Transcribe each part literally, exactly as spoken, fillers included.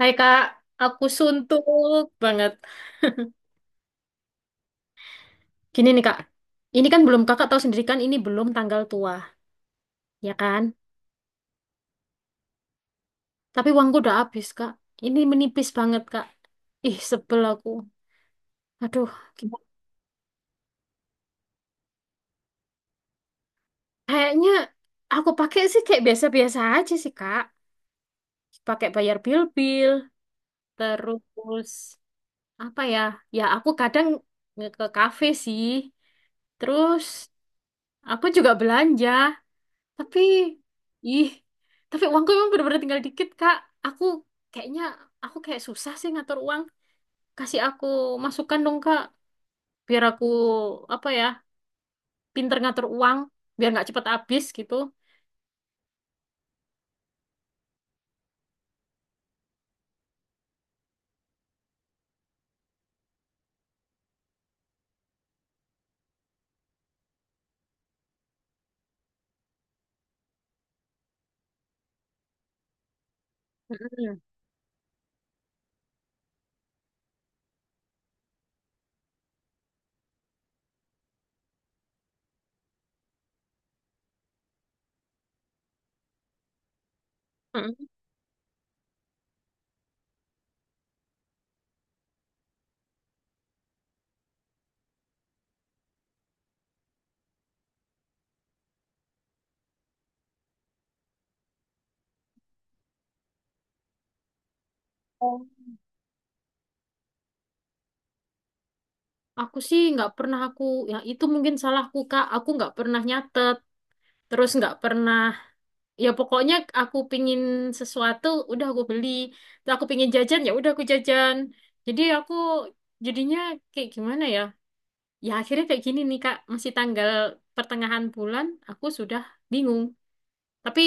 Hai kak, aku suntuk banget. Gini nih kak, ini kan belum kakak tahu sendiri kan ini belum tanggal tua, ya kan? Tapi uangku udah habis kak, ini menipis banget kak. Ih sebel aku. Aduh, gimana? Kayaknya aku pakai sih kayak biasa-biasa aja sih kak. Pakai bayar bil-bil, terus apa ya? Ya aku kadang nge- ke kafe sih. Terus aku juga belanja. Tapi, ih, tapi uangku emang bener-bener tinggal dikit, Kak. Aku kayaknya, aku kayak susah sih ngatur uang. Kasih aku masukan dong, Kak. Biar aku, apa ya, pinter ngatur uang. Biar nggak cepet habis gitu. Mm-mm. Mm-mm. Oh. Aku sih nggak pernah aku, ya itu mungkin salahku, Kak. Aku nggak pernah nyatet. Terus nggak pernah, ya pokoknya aku pingin sesuatu, udah aku beli. Terus aku pingin jajan, ya udah aku jajan. Jadi aku jadinya kayak gimana ya? Ya akhirnya kayak gini nih Kak, masih tanggal pertengahan bulan aku sudah bingung. Tapi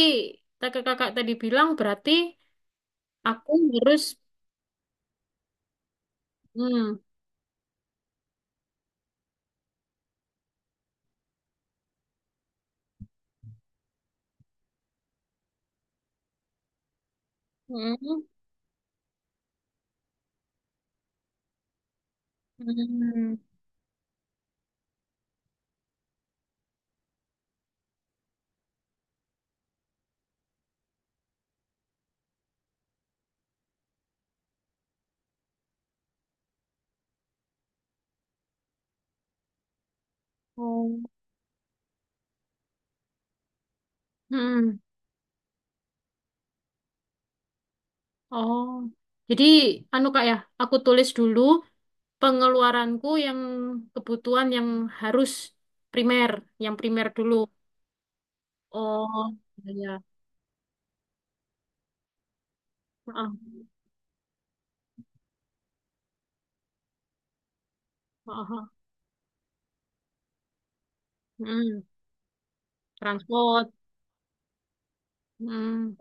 kakak kakak tadi bilang berarti aku harus hmm, hmm, hmm, oh, hmm, oh. Jadi anu Kak ya, aku tulis dulu pengeluaranku yang kebutuhan yang harus primer, yang primer dulu. Oh, iya. iya. Heeh, heeh, heeh. Hmm, transport. Hmm.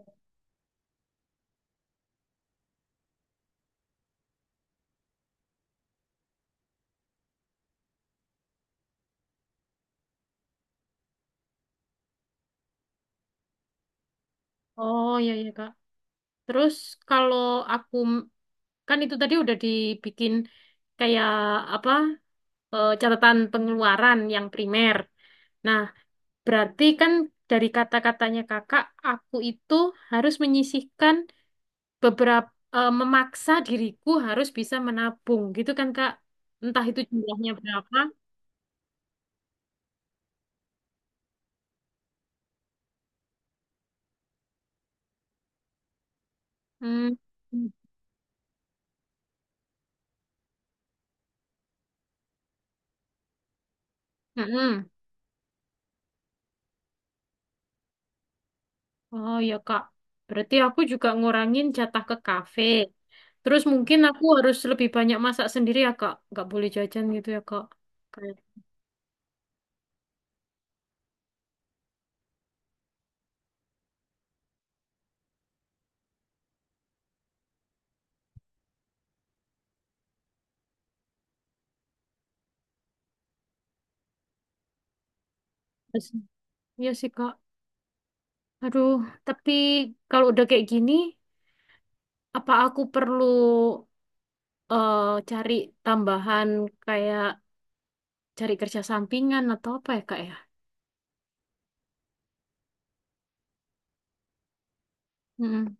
Oh, iya iya Kak. Terus kalau aku kan itu tadi udah dibikin kayak apa eh, catatan pengeluaran yang primer. Nah, berarti kan dari kata-katanya kakak, aku itu harus menyisihkan beberapa eh, memaksa diriku harus bisa menabung, gitu kan kak? Entah itu jumlahnya berapa. Hmm. Mm-mm. Oh ya Kak, berarti aku juga ngurangin jatah ke kafe. Terus mungkin aku harus lebih banyak masak sendiri ya Kak, nggak boleh jajan gitu ya Kak. Kayak Iya sih Kak. Aduh, tapi kalau udah kayak gini, apa aku perlu eh, cari tambahan kayak cari kerja sampingan atau apa ya Kak ya? Hmm,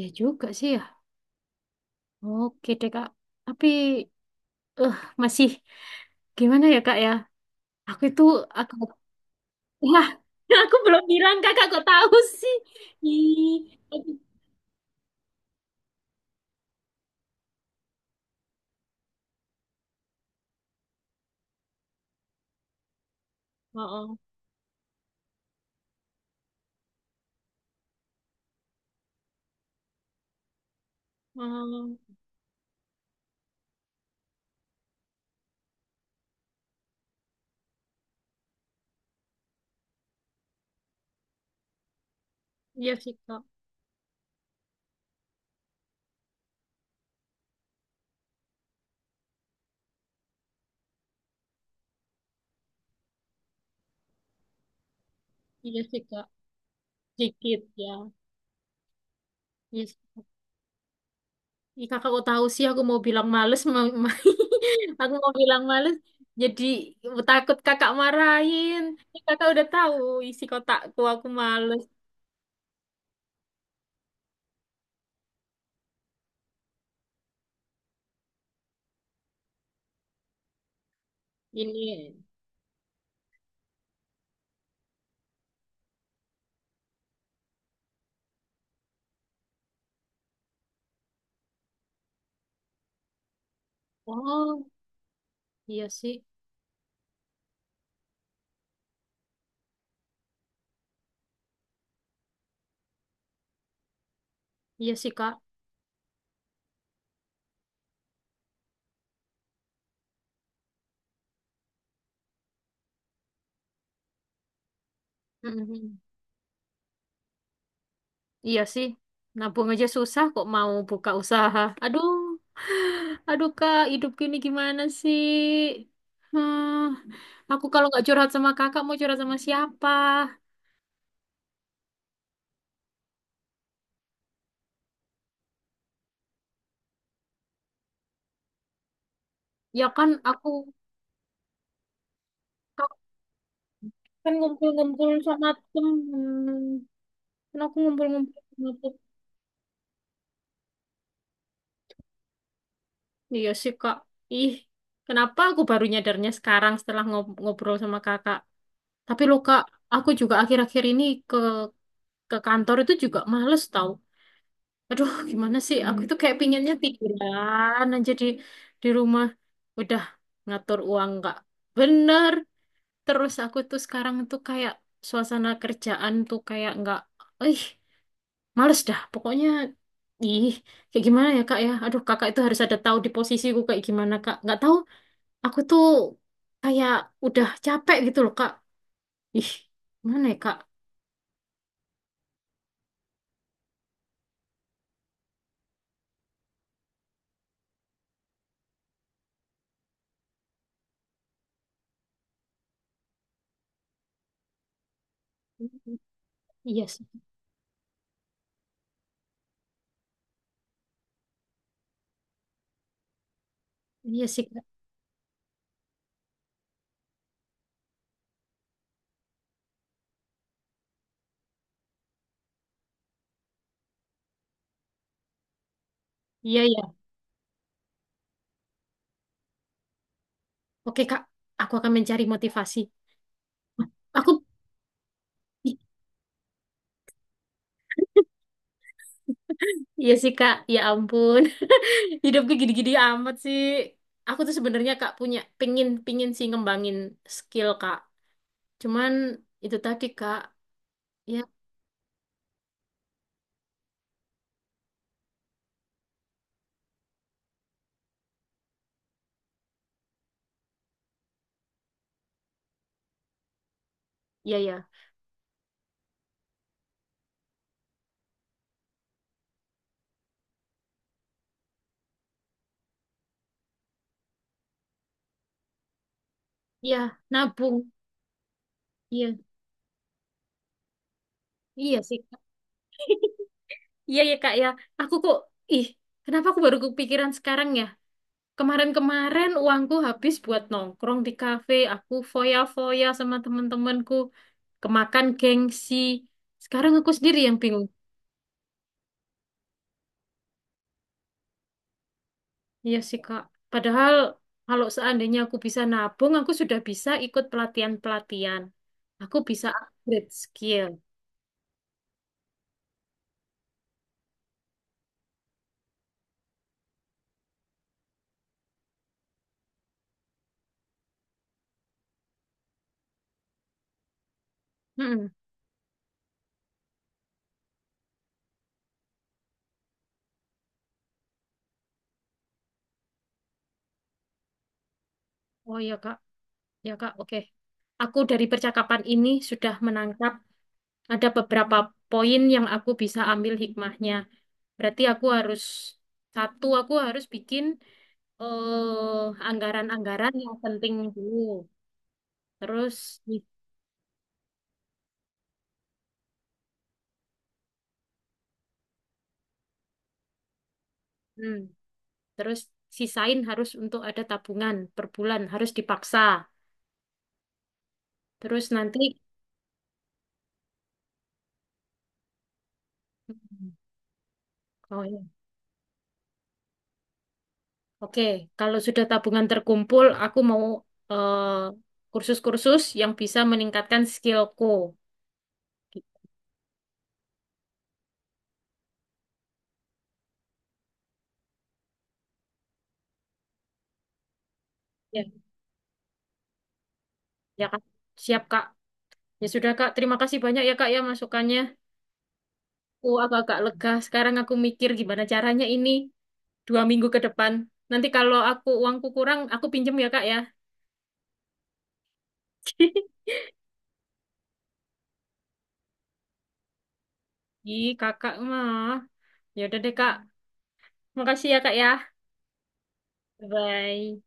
ya juga sih ya. Oke deh Kak. Tapi eh masih gimana ya Kak ya? Aku itu aku Wah, aku belum bilang kakak kok tahu sih. Ih, aduh. Oh, oh, oh. Iya sih kak, iya sih kak, sedikit ya. Iya sih, Kak. Ih, kakak kok tahu sih aku mau bilang males, mau, ma- aku mau bilang males. Jadi takut kakak marahin. Ih, Kakak udah tahu isi kotakku, aku males. Ini, oh iya sih, iya sih kak. Mm-mm. Iya sih, nabung aja susah kok mau buka usaha. Aduh. Aduh kak, hidup ini gimana sih? Hmm, aku kalau nggak curhat sama kakak mau curhat sama siapa? Ya kan aku aku kan ngumpul-ngumpul sama temen. Kan aku ngumpul-ngumpul sama temen. Iya sih kak. Ih, kenapa aku baru nyadarnya sekarang setelah ngob- ngobrol sama kakak? Tapi loh kak, aku juga akhir-akhir ini ke ke kantor itu juga males tau. Aduh, gimana sih? Aku Hmm. itu kayak pinginnya tiduran aja di di rumah. Udah ngatur uang nggak bener. Terus aku tuh sekarang tuh kayak suasana kerjaan tuh kayak nggak, ih, males dah. Pokoknya, ih, kayak gimana ya kak ya? Aduh, kakak itu harus ada tahu di posisiku kayak gimana kak? Nggak tahu. Aku tuh kayak udah capek gitu loh kak. Ih, mana ya kak? Iya sih, iya sih kak. Iya ya. Oke kak, aku akan mencari motivasi. Aku I- Iya sih Kak, ya ampun. Hidupku gini-gini amat sih. Aku tuh sebenarnya Kak punya pingin pingin sih ngembangin skill Kak. Cuman itu tadi Kak, ya ya ya. Iya, nabung. Iya. Iya sih Kak. Iya ya Kak ya. Aku kok ih, kenapa aku baru kepikiran sekarang ya? Kemarin-kemarin uangku habis buat nongkrong di kafe, aku foya-foya sama temen-temenku, kemakan gengsi. Sekarang aku sendiri yang bingung. Iya sih, Kak. Padahal kalau seandainya aku bisa nabung, aku sudah bisa ikut pelatihan-pelatihan. Aku bisa upgrade skill. Mm-mm. Oh iya, Kak. Ya, Kak. Oke. Aku dari percakapan ini sudah menangkap ada beberapa poin yang aku bisa ambil hikmahnya. Berarti aku harus satu, aku harus bikin eh, anggaran-anggaran yang penting dulu. Terus, mm, terus sisain harus untuk ada tabungan per bulan, harus dipaksa. Terus nanti, Hmm. oh ya, oke. Kalau sudah tabungan terkumpul, aku mau eh, kursus-kursus yang bisa meningkatkan skillku. Gitu. Ya, ya Kak. Siap Kak. Ya sudah Kak, terima kasih banyak ya Kak ya masukannya. Aku agak-agak lega. Sekarang aku mikir gimana caranya ini dua minggu ke depan. Nanti kalau aku uangku kurang, aku pinjem ya Kak ya. Ih, Kakak mah. Ya udah deh Kak. Makasih ya Kak ya. Bye.